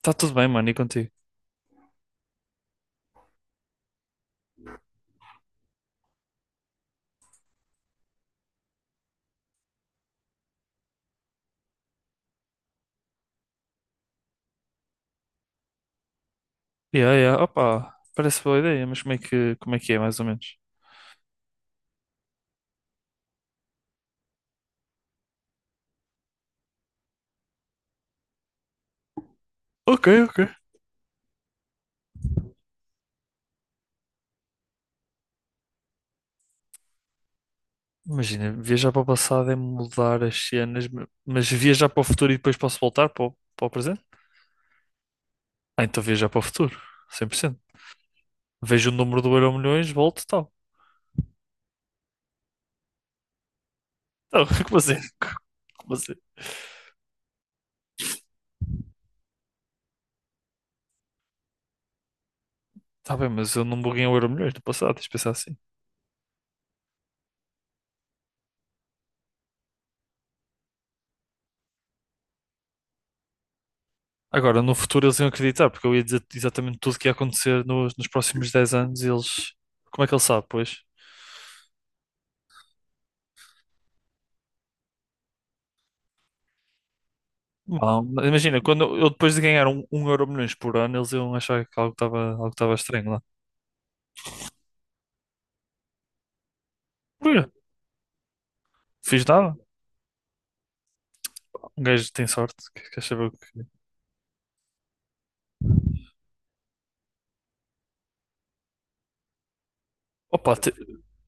Tá tudo bem, mano, e contigo? Yeah, yeah, opa, parece boa ideia, mas como é que é, mais ou menos? Ok, ok. Imagina, viajar para o passado é mudar as cenas, mas viajar para o futuro e depois posso voltar para o presente? Ah, então viajar para o futuro, 100%. Vejo o número do Euromilhões, volto, e tal. Não, como assim? Como assim? Tá bem, mas eu não buguei o Euromilhões no passado, tens de pensar assim. Agora, no futuro eles iam acreditar, porque eu ia dizer exatamente tudo o que ia acontecer nos próximos 10 anos e eles. Como é que ele sabe, pois? Ah, imagina, quando eu depois de ganhar um euro milhões por ano, eles iam achar que algo estava estranho lá. Olha, fiz nada. Um gajo tem sorte. Quer saber o que é. Opa,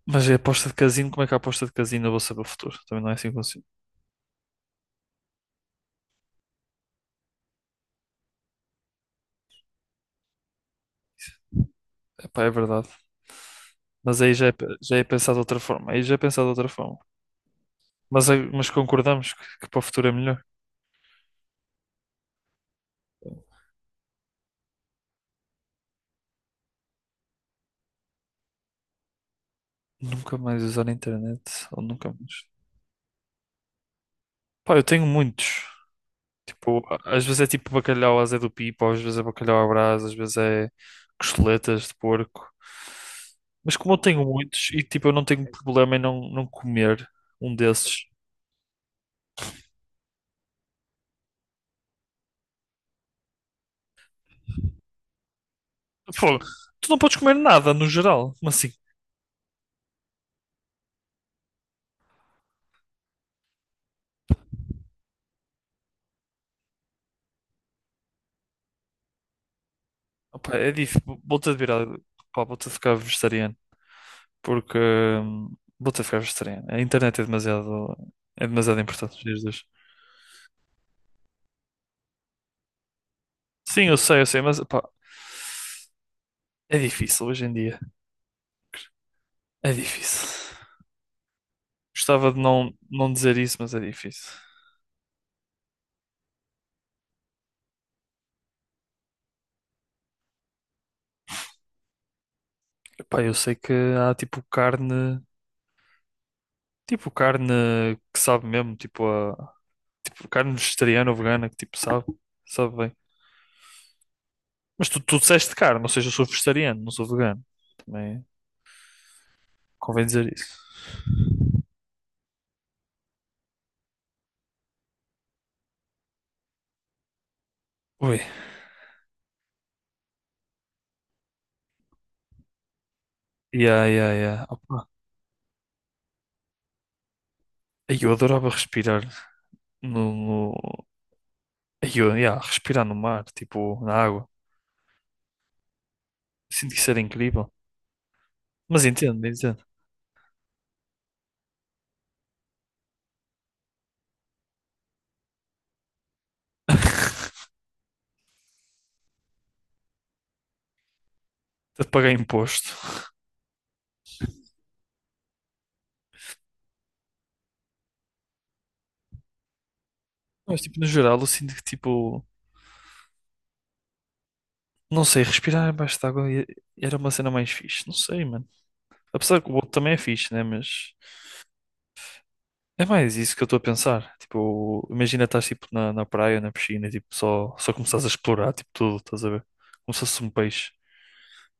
mas é aposta de casino. Como é que é a aposta de casino eu vou saber o futuro? Também não é assim que consigo. Epá, é verdade. Mas aí já é pensado de outra forma. Aí já é pensado de outra forma. Mas concordamos que para o futuro é melhor. Nunca mais usar a internet. Ou nunca mais. Pá, eu tenho muitos. Tipo, às vezes é tipo bacalhau à Zé do Pipo, às vezes é bacalhau à Brás, às vezes é costeletas de porco. Mas como eu tenho muitos e tipo, eu não tenho problema em não comer um desses. Pô, tu não podes comer nada no geral, mas assim, opá, é difícil. Vou-te a virar, pá, vou-te a ficar vegetariano, porque vou-te a ficar vegetariano. A internet é demasiado importante nos dias de hoje. Sim, eu sei, mas pá, é difícil hoje em dia. É difícil. Gostava de não dizer isso, mas é difícil. Epá, eu sei que há tipo carne que sabe mesmo, tipo, a, tipo carne vegetariana ou vegana que tipo sabe bem. Mas tu disseste carne, ou seja, eu sou vegetariano, não sou vegano. Também convém dizer isso. Ui, yeah, yeah, yeah. Opa. Ai, eu adorava respirar no, no. Ai, eu, yeah, respirar no mar, tipo, na água. Sinto que isso era incrível. Mas entendo, entendo. Até de pagar imposto. Mas, tipo, no geral, eu sinto que, tipo, não sei, respirar abaixo de água era uma cena mais fixe. Não sei, mano. Apesar que o outro também é fixe, né? Mas é mais isso que eu estou a pensar. Tipo, imagina estás tipo na praia, na piscina, e, tipo, só começares a explorar, tipo, tudo, estás a ver? Como se fosse um peixe.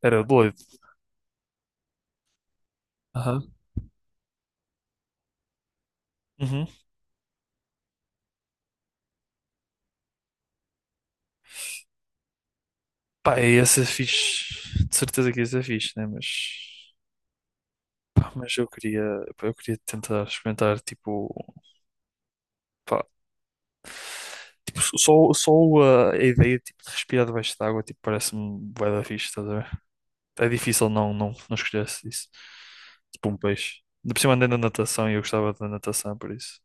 Era doido. Aham. Uhum. Pá, e essa é fixe. De certeza que essa ser fixe, né? Mas, pá, eu queria, pá, eu queria tentar experimentar, tipo, pá, tipo, só a ideia tipo, de respirar debaixo d'água, tipo, parece-me bué da fixe, estás a ver? É difícil não, não, não escolhesse isso. Tipo um peixe. Ainda por cima andei na natação e eu gostava da natação, por isso.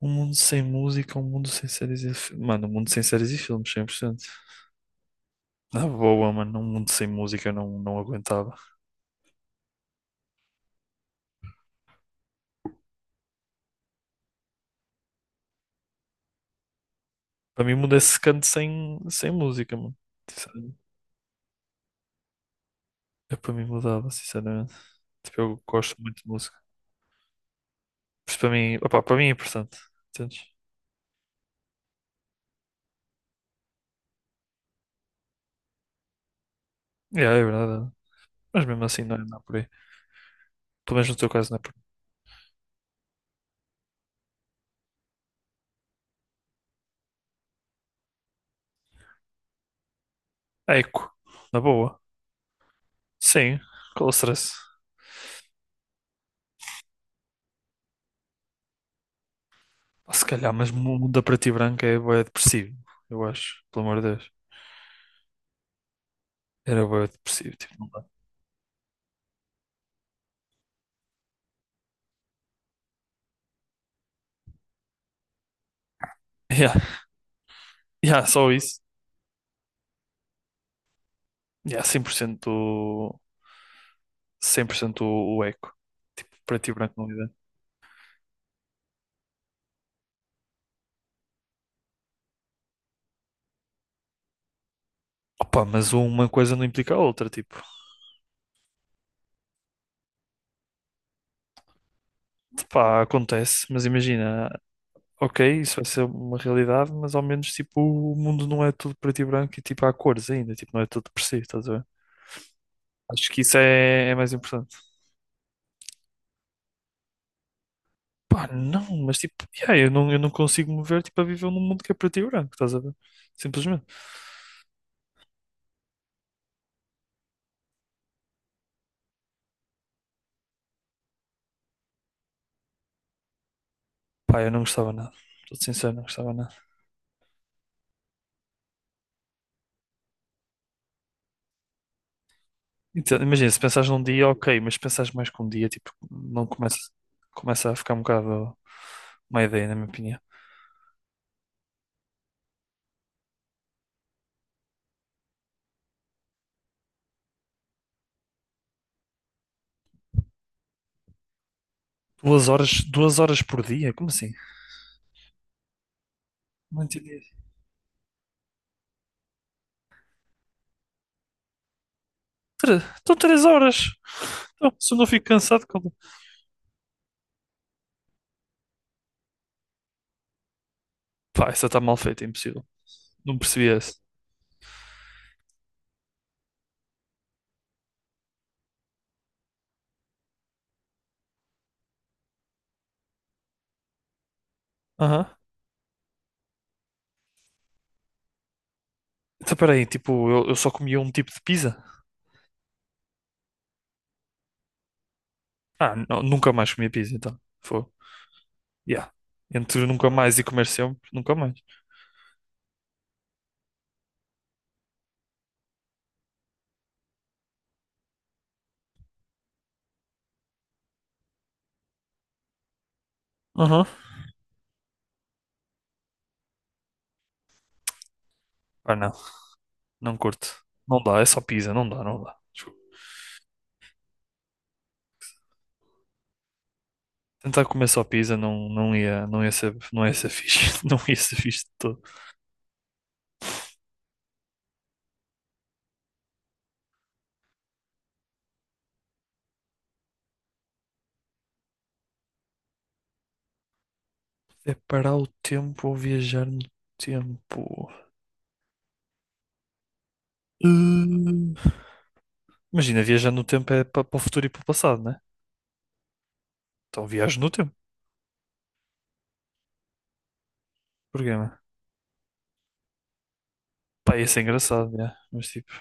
Um mundo sem música, um mundo sem séries e filmes. Mano, um mundo sem séries e filmes, 100%. Na boa, mano, um mundo sem música eu não, não aguentava. Para mim, mudar esse canto sem, sem música, mano. Sinceramente. Eu para mim mudava, sinceramente. Tipo, eu gosto muito de música. Por isso, para mim, opá, para mim é importante. Entendes? Yeah, É é verdade. Mas mesmo assim, não é, não é por aí. Pelo menos no teu caso, não é por aí. É Eco, na boa. Sim, com stress. Ah, Se calhar, mas muda para ti branco é bué depressivo, eu acho, pelo amor de Deus. Era bué depressivo, tipo, não dá. Yeah, yeah, só isso. Yeah, 100% o, 100% o eco. Tipo, para ti branco não dá. Opa, mas uma coisa não implica a outra, tipo, pá, acontece, mas imagina, ok, isso vai ser uma realidade, mas ao menos, tipo, o mundo não é tudo preto e branco e, tipo, há cores ainda, tipo, não é tudo depressivo, estás a ver? Acho que isso é mais importante. Pá, não, mas tipo, yeah, eu não consigo me ver tipo, a viver num mundo que é preto e branco, estás a ver? Simplesmente. Pá, eu não gostava nada. Estou sincero, não gostava nada. Então, imagina, se pensares num dia, ok, mas se pensares mais que um dia, tipo, não começa, começa a ficar um bocado uma ideia, na minha opinião. Duas horas, 2 horas por dia? Como assim? Não entendi. Então 3 horas. Então, se eu não fico cansado, como? Pá, essa está mal feito é impossível. Não percebi essa. Aham. Então peraí, tipo, eu só comia um tipo de pizza? Ah, não, nunca mais comia pizza, então. Foi. Yeah. Entre nunca mais e comer sempre, nunca mais. Uhum. Ah, não. Não curto. Não dá, é só pizza, não dá, não dá. Desculpa. Tentar comer só pizza não ia, não ia ser fixe. Não ia ser fixe de todo. É parar o tempo ou viajar no tempo? Hum. Imagina, viajar no tempo é para o futuro e para o passado, né? Então viajo no tempo. Porquê, mano? Pá, ia ser engraçado, yeah. Mas tipo,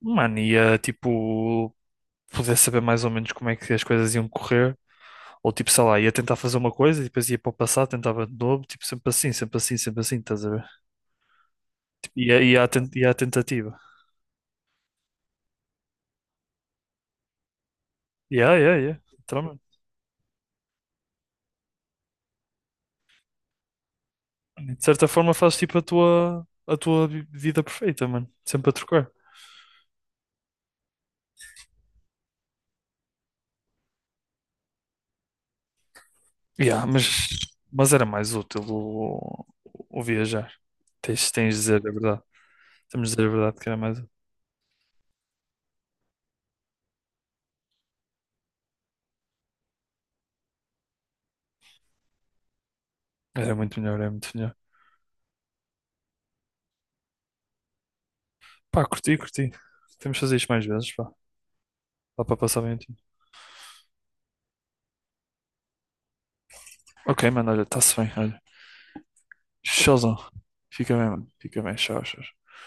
mano, ia tipo poder saber mais ou menos como é que as coisas iam correr. Ou tipo, sei lá, ia tentar fazer uma coisa e depois ia para o passado, tentava de novo, tipo, sempre assim, sempre assim, sempre assim, estás a ver? Tipo, ia à tentativa. Yeah, yeah, yeah. Literalmente. De certa forma fazes tipo a tua vida perfeita, mano. Sempre a trocar. Yeah, mas era mais útil o viajar. Tens de dizer a verdade. Temos de dizer a verdade que era mais. Era muito melhor, era muito melhor. Pá, curti, curti. Temos de fazer isto mais vezes, pá. Dá para passar bem o tempo. Ok, mano, olha, está-se bem, olha. Tchauzão. Fica bem, mano. Fica bem, tchau, tchau.